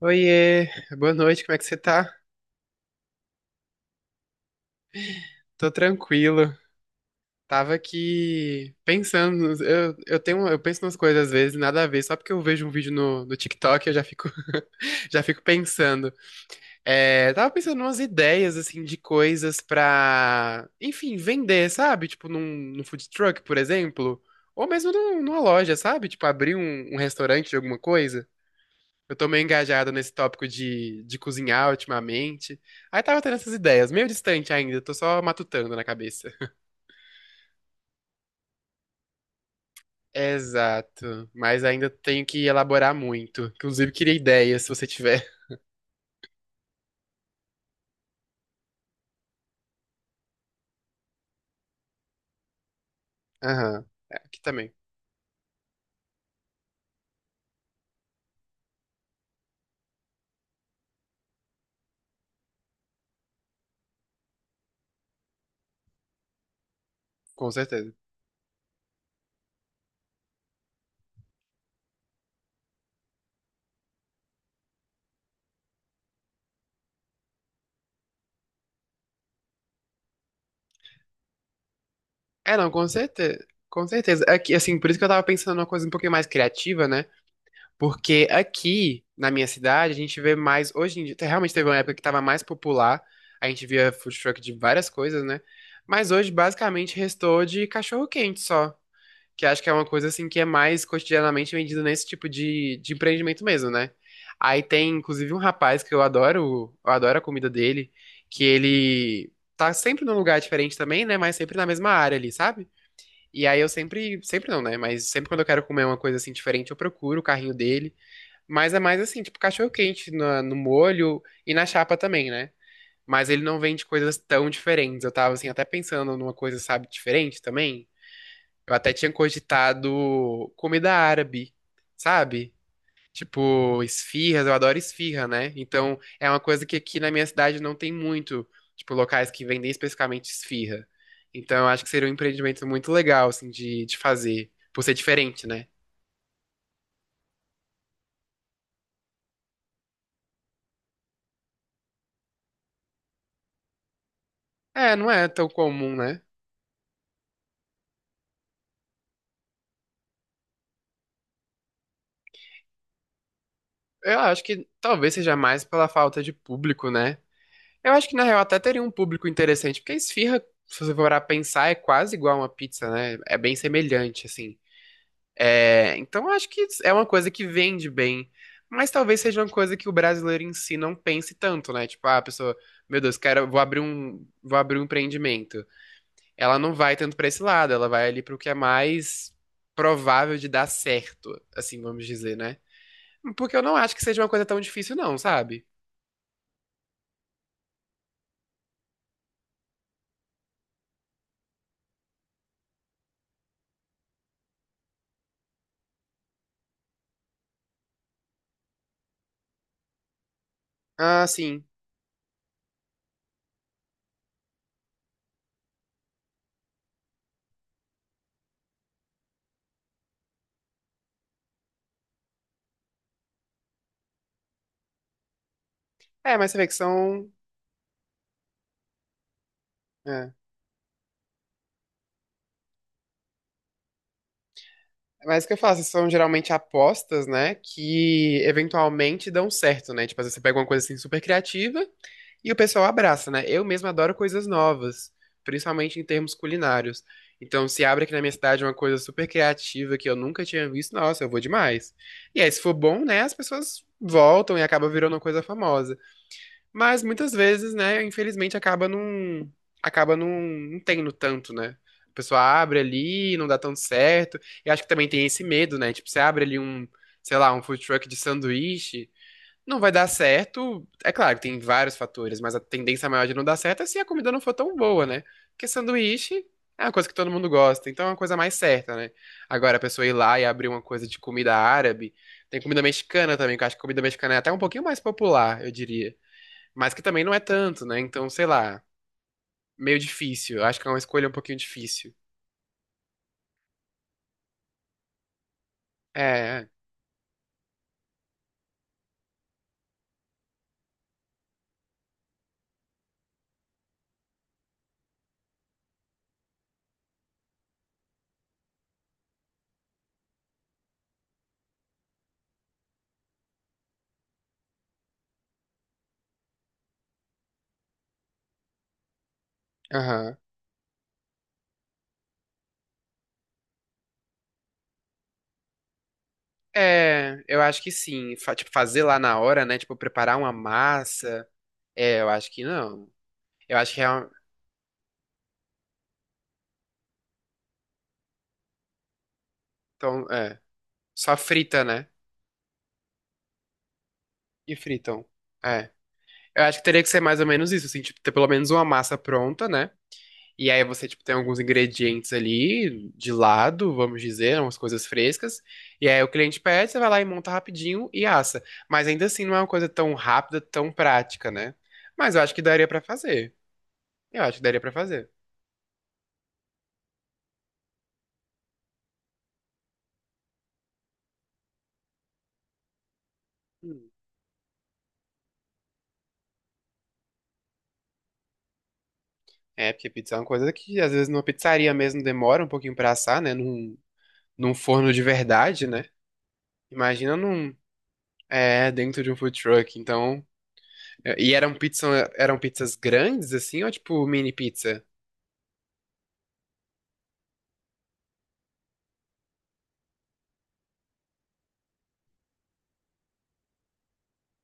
Oiê, boa noite, como é que você tá? Tô tranquilo. Tava aqui pensando, eu penso nas coisas às vezes, nada a ver, só porque eu vejo um vídeo no TikTok eu já fico, já fico pensando. Tava pensando umas ideias, assim, de coisas pra, enfim, vender, sabe? Tipo num, num food truck, por exemplo, ou mesmo numa loja, sabe? Tipo abrir um restaurante de alguma coisa. Eu tô meio engajado nesse tópico de cozinhar ultimamente. Aí tava tendo essas ideias, meio distante ainda, tô só matutando na cabeça. Exato, mas ainda tenho que elaborar muito. Inclusive, queria ideias, se você tiver. Aham, é, aqui também, com certeza. É, não, com certeza. Com certeza. É que, assim, por isso que eu tava pensando numa coisa um pouquinho mais criativa, né? Porque aqui, na minha cidade, a gente vê mais. Hoje em dia, realmente teve uma época que estava mais popular. A gente via food truck de várias coisas, né? Mas hoje, basicamente, restou de cachorro-quente só. Que acho que é uma coisa, assim, que é mais cotidianamente vendida nesse tipo de empreendimento mesmo, né? Aí tem, inclusive, um rapaz que eu adoro a comida dele, que ele tá sempre num lugar diferente também, né? Mas sempre na mesma área ali, sabe? E aí eu sempre, sempre não, né? Mas sempre quando eu quero comer uma coisa assim diferente, eu procuro o carrinho dele. Mas é mais assim, tipo cachorro quente no molho e na chapa também, né? Mas ele não vende coisas tão diferentes. Eu tava assim, até pensando numa coisa, sabe, diferente também. Eu até tinha cogitado comida árabe, sabe? Tipo, esfirras, eu adoro esfirra, né? Então, é uma coisa que aqui na minha cidade não tem muito, tipo, locais que vendem especificamente esfirra. Então, eu acho que seria um empreendimento muito legal, assim, de fazer, por ser diferente, né? É, não é tão comum, né? Eu acho que talvez seja mais pela falta de público, né? Eu acho que na real até teria um público interessante, porque a esfirra, se você for a pensar, é quase igual uma pizza, né? É bem semelhante, assim. É, então eu acho que é uma coisa que vende bem, mas talvez seja uma coisa que o brasileiro em si não pense tanto, né? Tipo, ah, a pessoa, meu Deus, quero, vou abrir um empreendimento. Ela não vai tanto pra esse lado, ela vai ali pro que é mais provável de dar certo, assim, vamos dizer, né? Porque eu não acho que seja uma coisa tão difícil, não, sabe? Ah, sim. É, mas você vê que são. É. Mas o que eu faço? São geralmente apostas, né? Que eventualmente dão certo, né? Tipo, às vezes você pega uma coisa assim super criativa e o pessoal abraça, né? Eu mesmo adoro coisas novas, principalmente em termos culinários. Então, se abre aqui na minha cidade uma coisa super criativa que eu nunca tinha visto, nossa, eu vou demais. E aí, se for bom, né? As pessoas voltam e acaba virando uma coisa famosa. Mas muitas vezes, né, infelizmente acaba não tendo tanto, né? A pessoa abre ali, não dá tanto certo. E acho que também tem esse medo, né? Tipo, você abre ali um, sei lá, um food truck de sanduíche, não vai dar certo. É claro que tem vários fatores, mas a tendência maior de não dar certo é se a comida não for tão boa, né? Porque sanduíche é uma coisa que todo mundo gosta, então é uma coisa mais certa, né? Agora a pessoa ir lá e abrir uma coisa de comida árabe, tem comida mexicana também, que eu acho que comida mexicana é até um pouquinho mais popular, eu diria. Mas que também não é tanto, né? Então, sei lá, meio difícil. Eu acho que é uma escolha um pouquinho difícil. É, aham. É, eu acho que sim. Tipo, fazer lá na hora, né? Tipo, preparar uma massa. É, eu acho que não. Eu acho que é um, então, é, só frita, né? E fritam. É. Eu acho que teria que ser mais ou menos isso, assim, tipo, ter pelo menos uma massa pronta, né? E aí você, tipo, tem alguns ingredientes ali de lado, vamos dizer, umas coisas frescas. E aí o cliente pede, você vai lá e monta rapidinho e assa. Mas ainda assim não é uma coisa tão rápida, tão prática, né? Mas eu acho que daria pra fazer. Eu acho que daria pra fazer. Hum. É, porque pizza é uma coisa que às vezes numa pizzaria mesmo demora um pouquinho pra assar, né? Num forno de verdade, né? Imagina num, é, dentro de um food truck. Então, é, e eram pizza, eram pizzas grandes assim ou tipo mini pizza?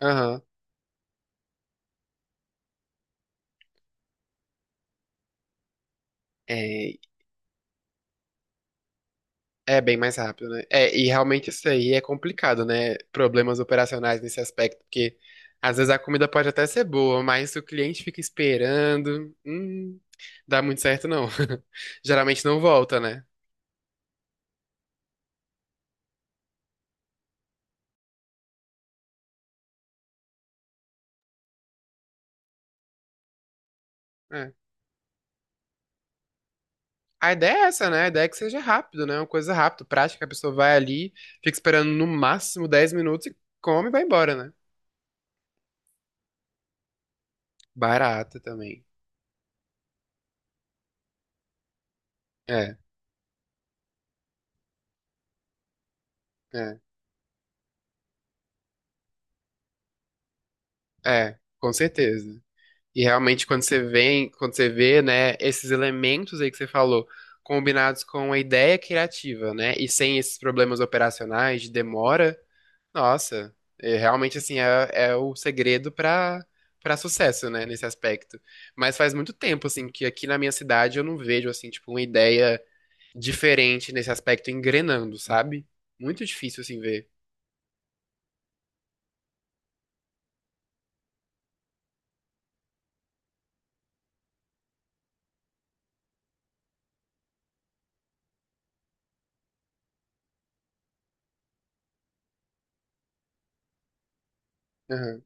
Aham. É, é bem mais rápido, né? É, e realmente isso aí é complicado, né? Problemas operacionais nesse aspecto, porque às vezes a comida pode até ser boa, mas se o cliente fica esperando, dá muito certo não. Geralmente não volta, né? É. A ideia é essa, né? A ideia é que seja rápido, né? Uma coisa rápida, prática, a pessoa vai ali, fica esperando no máximo 10 minutos e come e vai embora, né? Barata também. É, é, é, com certeza. E realmente, quando você vem, quando você vê, né, esses elementos aí que você falou, combinados com a ideia criativa, né, e sem esses problemas operacionais de demora, nossa, é, realmente, assim, é, é o segredo para para sucesso, né, nesse aspecto. Mas faz muito tempo, assim, que aqui na minha cidade eu não vejo, assim, tipo, uma ideia diferente nesse aspecto engrenando, sabe? Muito difícil, assim, ver. Aham.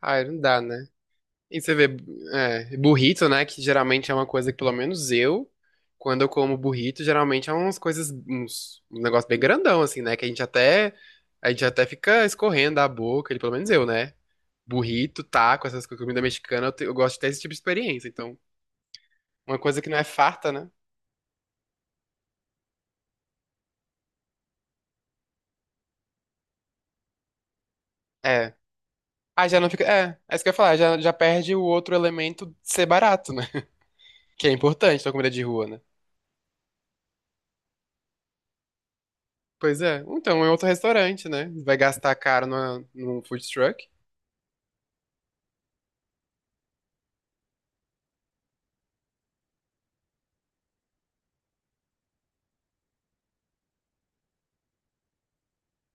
Ah, não dá, né? E você vê, é, burrito, né? Que geralmente é uma coisa que, pelo menos eu, quando eu como burrito, geralmente é umas um negócio bem grandão, assim, né? Que a gente até fica escorrendo a boca, ele, pelo menos eu, né? Burrito, taco, essas coisas, comida mexicana, eu, eu gosto de ter esse tipo de experiência. Então, uma coisa que não é farta, né? É. Ah, já não fica. É, é isso que eu ia falar, já, já perde o outro elemento de ser barato, né? Que é importante na comida de rua, né? Pois é. Então, é outro restaurante, né? Vai gastar caro num food truck.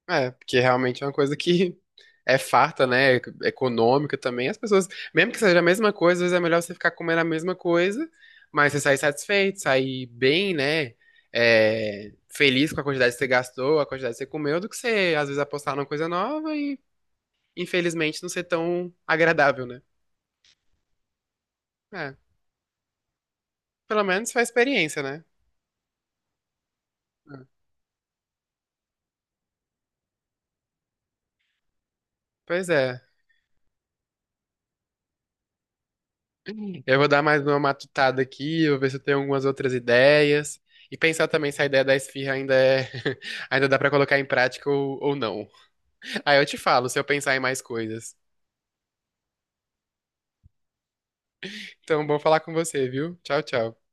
É, porque realmente é uma coisa que é farta, né? É econômica também. As pessoas, mesmo que seja a mesma coisa, às vezes é melhor você ficar comendo a mesma coisa, mas você sair satisfeito, sair bem, né? É, feliz com a quantidade que você gastou, a quantidade que você comeu, do que você, às vezes, apostar numa coisa nova e, infelizmente, não ser tão agradável, né? É, pelo menos foi a experiência, né? Pois é. Eu vou dar mais uma matutada aqui, vou ver se eu tenho algumas outras ideias. E pensar também se a ideia da esfirra ainda é, ainda dá pra colocar em prática ou não. Aí eu te falo se eu pensar em mais coisas. Então, bom falar com você, viu? Tchau, tchau.